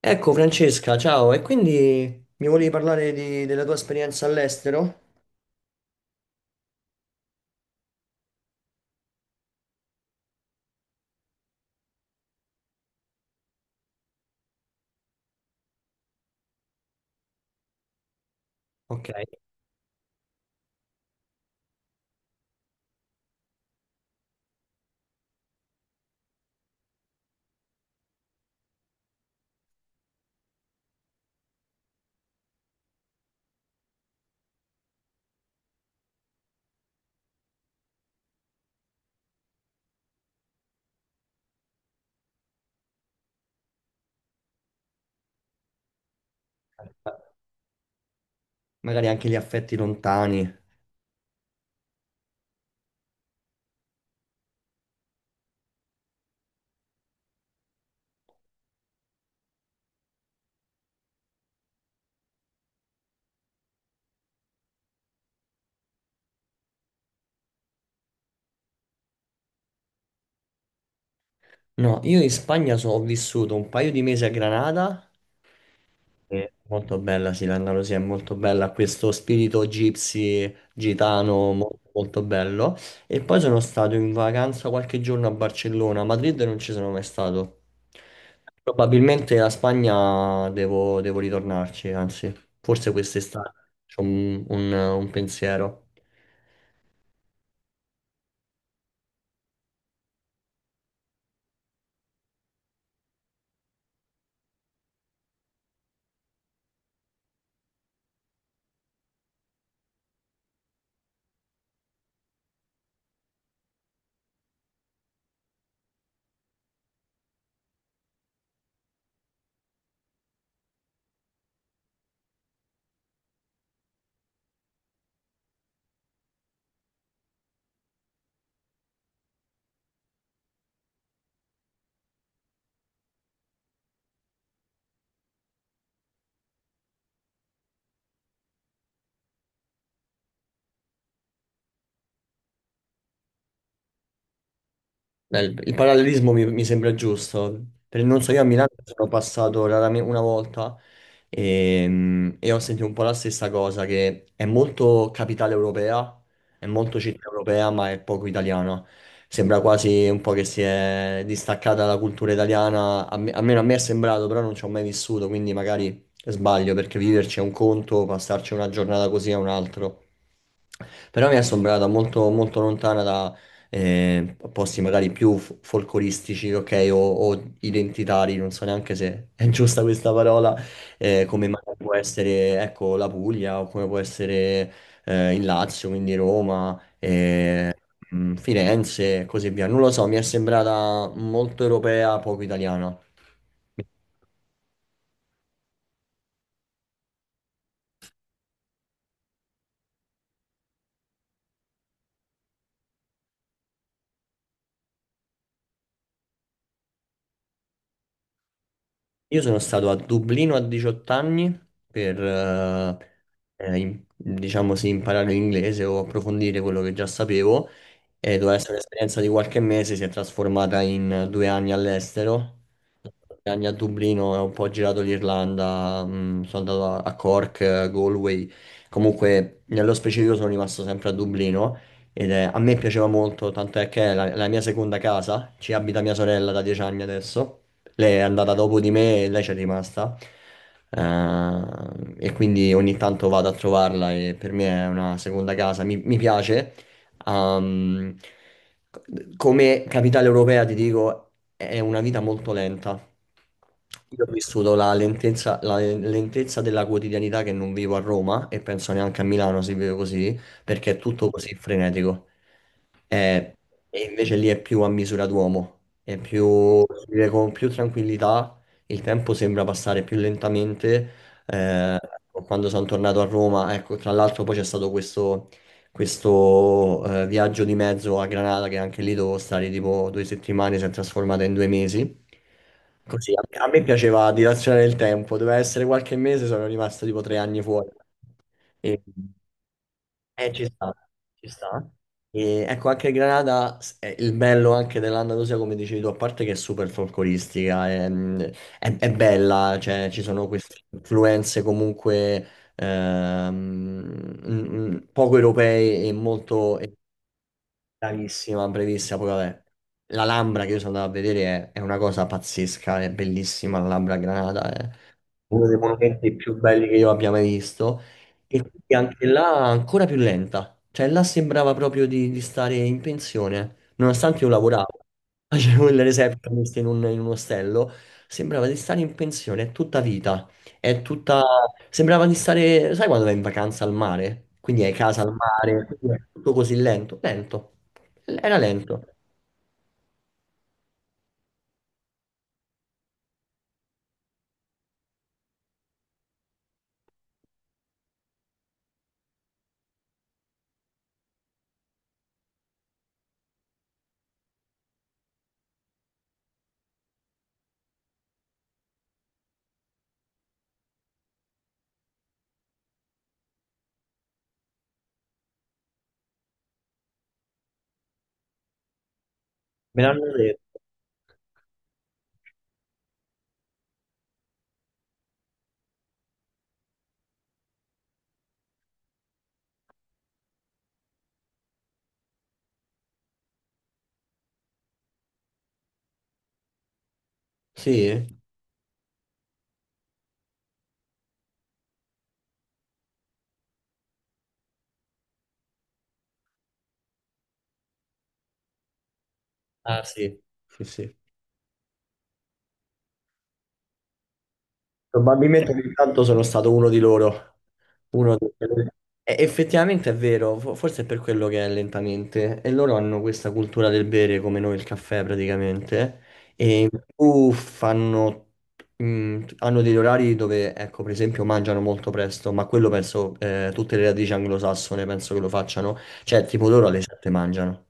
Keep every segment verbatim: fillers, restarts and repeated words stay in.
Ecco Francesca, ciao, e quindi mi volevi parlare di- della tua esperienza all'estero? Ok, magari anche gli affetti lontani. No, io in Spagna so- ho vissuto un paio di mesi a Granada. Sì, molto bella, sì, l'Andalusia è molto bella, ha questo spirito gypsy, gitano, mo- molto bello. E poi sono stato in vacanza qualche giorno a Barcellona, a Madrid non ci sono mai stato. Probabilmente la Spagna devo, devo ritornarci, anzi, forse quest'estate c'ho un, un- un pensiero. Beh, il, il parallelismo mi, mi sembra giusto. Per, non so, io a Milano sono passato raramente una volta e, e ho sentito un po' la stessa cosa, che è molto capitale europea, è molto città europea, ma è poco italiana. Sembra quasi un po' che si è distaccata dalla cultura italiana, a me- almeno a me è sembrato, però non ci ho mai vissuto, quindi magari sbaglio, perché viverci è un conto, passarci una giornata così è un altro. Però mi è sembrata molto, molto lontana, eh, posti magari più f- folcloristici, ok, o, o identitari, non so neanche se è giusta questa parola, eh, come magari può essere, ecco, la Puglia o come può essere eh, il Lazio, quindi Roma, eh, mh, Firenze e così via. Non lo so, mi è sembrata molto europea, poco italiana. Io sono stato a Dublino a diciotto anni per, eh, eh, im- diciamo sì, imparare l'inglese o approfondire quello che già sapevo, e doveva essere un'esperienza di qualche mese, si è trasformata in due anni all'estero. Due anni a Dublino, ho un po' girato l'Irlanda, mh, sono andato a a Cork, eh, Galway, comunque nello specifico sono rimasto sempre a Dublino ed eh, a me piaceva molto, tanto è che è la la mia seconda casa, ci abita mia sorella da dieci anni adesso, lei è andata dopo di me e lei c'è rimasta. Eh, e quindi ogni tanto vado a trovarla e per me è una seconda casa. Mi, mi piace. Ehm, Come capitale europea, ti dico, è una vita molto lenta. Io ho vissuto la lentezza, la lentezza della quotidianità che non vivo a Roma e penso neanche a Milano si vive così, perché è tutto così frenetico. Eh, E invece lì è più a misura d'uomo, è più, si vive con più tranquillità, il tempo sembra passare più lentamente. eh, Quando sono tornato a Roma, ecco, tra l'altro poi c'è stato questo questo eh, viaggio di mezzo a Granada, che anche lì dovevo stare tipo due settimane, si è trasformata in due mesi. Così a, a me piaceva dilazionare il tempo, doveva essere qualche mese, sono rimasto tipo tre anni fuori. E, eh, Ci sta, ci sta. E, ecco, anche Granada, s- è il bello anche dell'Andalusia, come dicevi tu, a parte che è super folcloristica, è, mm, è- è bella, cioè ci sono queste influenze comunque. ehm, mm, Poco europei e molto e bravissima, brevissima. Poi vabbè, la Lambra che io sono andato a vedere è, è una cosa pazzesca, è bellissima la Lambra a Granada, è uno dei monumenti più belli che io abbia mai visto. E quindi anche là ancora più lenta, cioè là sembrava proprio di, di stare in pensione, nonostante io lavoravo, facevo il receptionist in un- in un ostello, sembrava di stare in pensione, è tutta vita. È tutta... Sembrava di stare... Sai quando vai in vacanza al mare? Quindi hai casa al mare, quindi è tutto così lento. Lento. Era lento. Me l'hanno detto. Sì? Ah, sì. Sì, sì. Probabilmente ogni tanto sono stato uno di loro. Uno di- E effettivamente è vero, fo- forse è per quello che è lentamente. E loro hanno questa cultura del bere come noi il caffè praticamente. E in più fanno, mh, hanno degli orari dove, ecco, per esempio, mangiano molto presto, ma quello penso, eh, tutte le radici anglosassone penso che lo facciano. Cioè, tipo loro alle sette mangiano,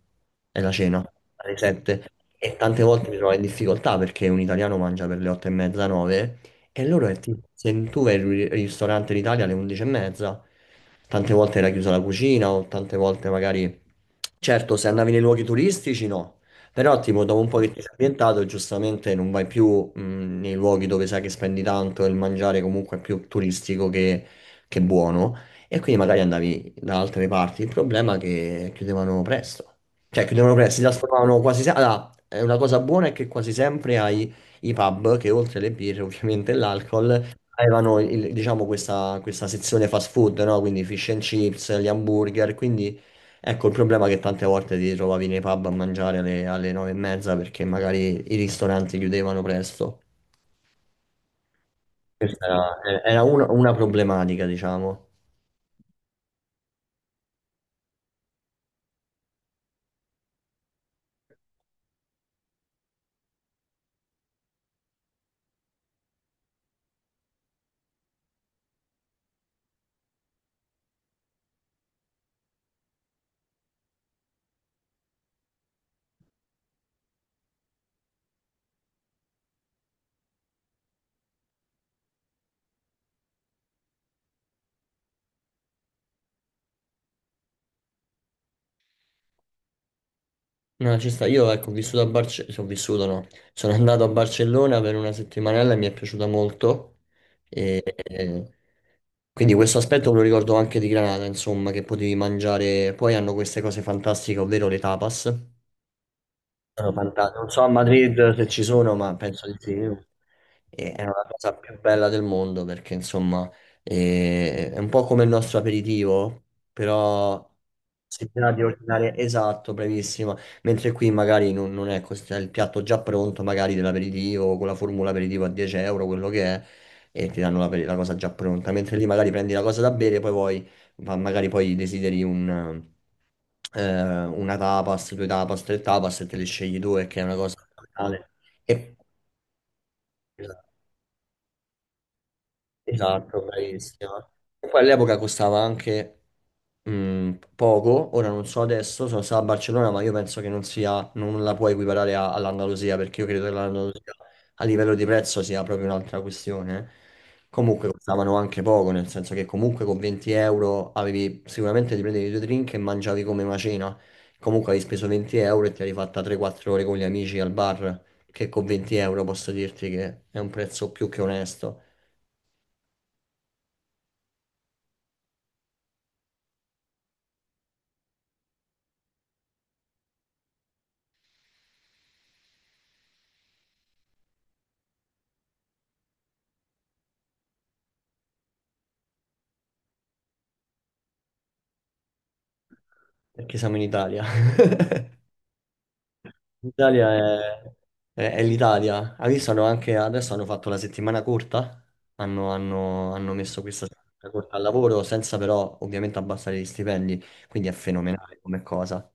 è la cena, alle sette. E tante volte mi trovo in difficoltà perché un italiano mangia per le otto e mezza, nove. E loro è tipo, se tu vai al ristorante in Italia alle undici e mezza, tante volte era chiusa la cucina o tante volte magari... Certo, se andavi nei luoghi turistici no, però tipo dopo un po' che ti sei ambientato giustamente non vai più mh, nei luoghi dove sai che spendi tanto e il mangiare comunque è più turistico che, che buono, e quindi magari andavi da altre parti. Il problema è che chiudevano presto, cioè chiudevano presto, si trasformavano quasi sempre... Allora, è una cosa buona è che quasi sempre hai i pub che oltre alle birre ovviamente e l'alcol avevano il- diciamo questa, questa sezione fast food, no? Quindi fish and chips, gli hamburger, quindi ecco il problema è che tante volte ti trovavi nei pub a mangiare alle, alle nove e mezza perché magari i ristoranti chiudevano presto. Questa era, era una, una problematica, diciamo. No, ci sta. Io ecco, ho vissuto a Barcellona, sono vissuto no, sono andato a Barcellona per una settimanella e mi è piaciuta molto. E, e- quindi questo aspetto me lo ricordo anche di Granada, insomma, che potevi mangiare. Poi hanno queste cose fantastiche, ovvero le tapas. Sono fanta-, non so a Madrid se ci sono, ma penso di sì. E- È una cosa più bella del mondo perché, insomma, eh, è un po' come il nostro aperitivo, però si tratta di ordinare esatto, bravissima. Mentre qui magari non, non è così, c'è il piatto già pronto, magari dell'aperitivo, con la formula aperitivo a dieci euro, quello che è, e ti danno la, la cosa già pronta. Mentre lì magari prendi la cosa da bere, poi vuoi, ma magari poi desideri un eh, una tapas, due tapas, tre tapas e te le scegli due, che è una cosa fenomenale. E, Esatto, bravissima. E poi all'epoca costava anche mh, poco, ora non so adesso, sono stato a Barcellona, ma io penso che non sia, non la puoi equiparare a- all'Andalusia, perché io credo che l'Andalusia a livello di prezzo sia proprio un'altra questione. Comunque costavano anche poco, nel senso che comunque con venti euro avevi, sicuramente ti prendevi due drink e mangiavi come una cena, comunque avevi speso venti euro e ti eri fatta tre quattro ore con gli amici al bar, che con venti euro posso dirti che è un prezzo più che onesto. Perché siamo in Italia. L'Italia è, è- è l'Italia. Hai visto, hanno anche, adesso hanno fatto la settimana corta, hanno, hanno- hanno messo questa settimana corta al lavoro senza però ovviamente abbassare gli stipendi, quindi è fenomenale come cosa.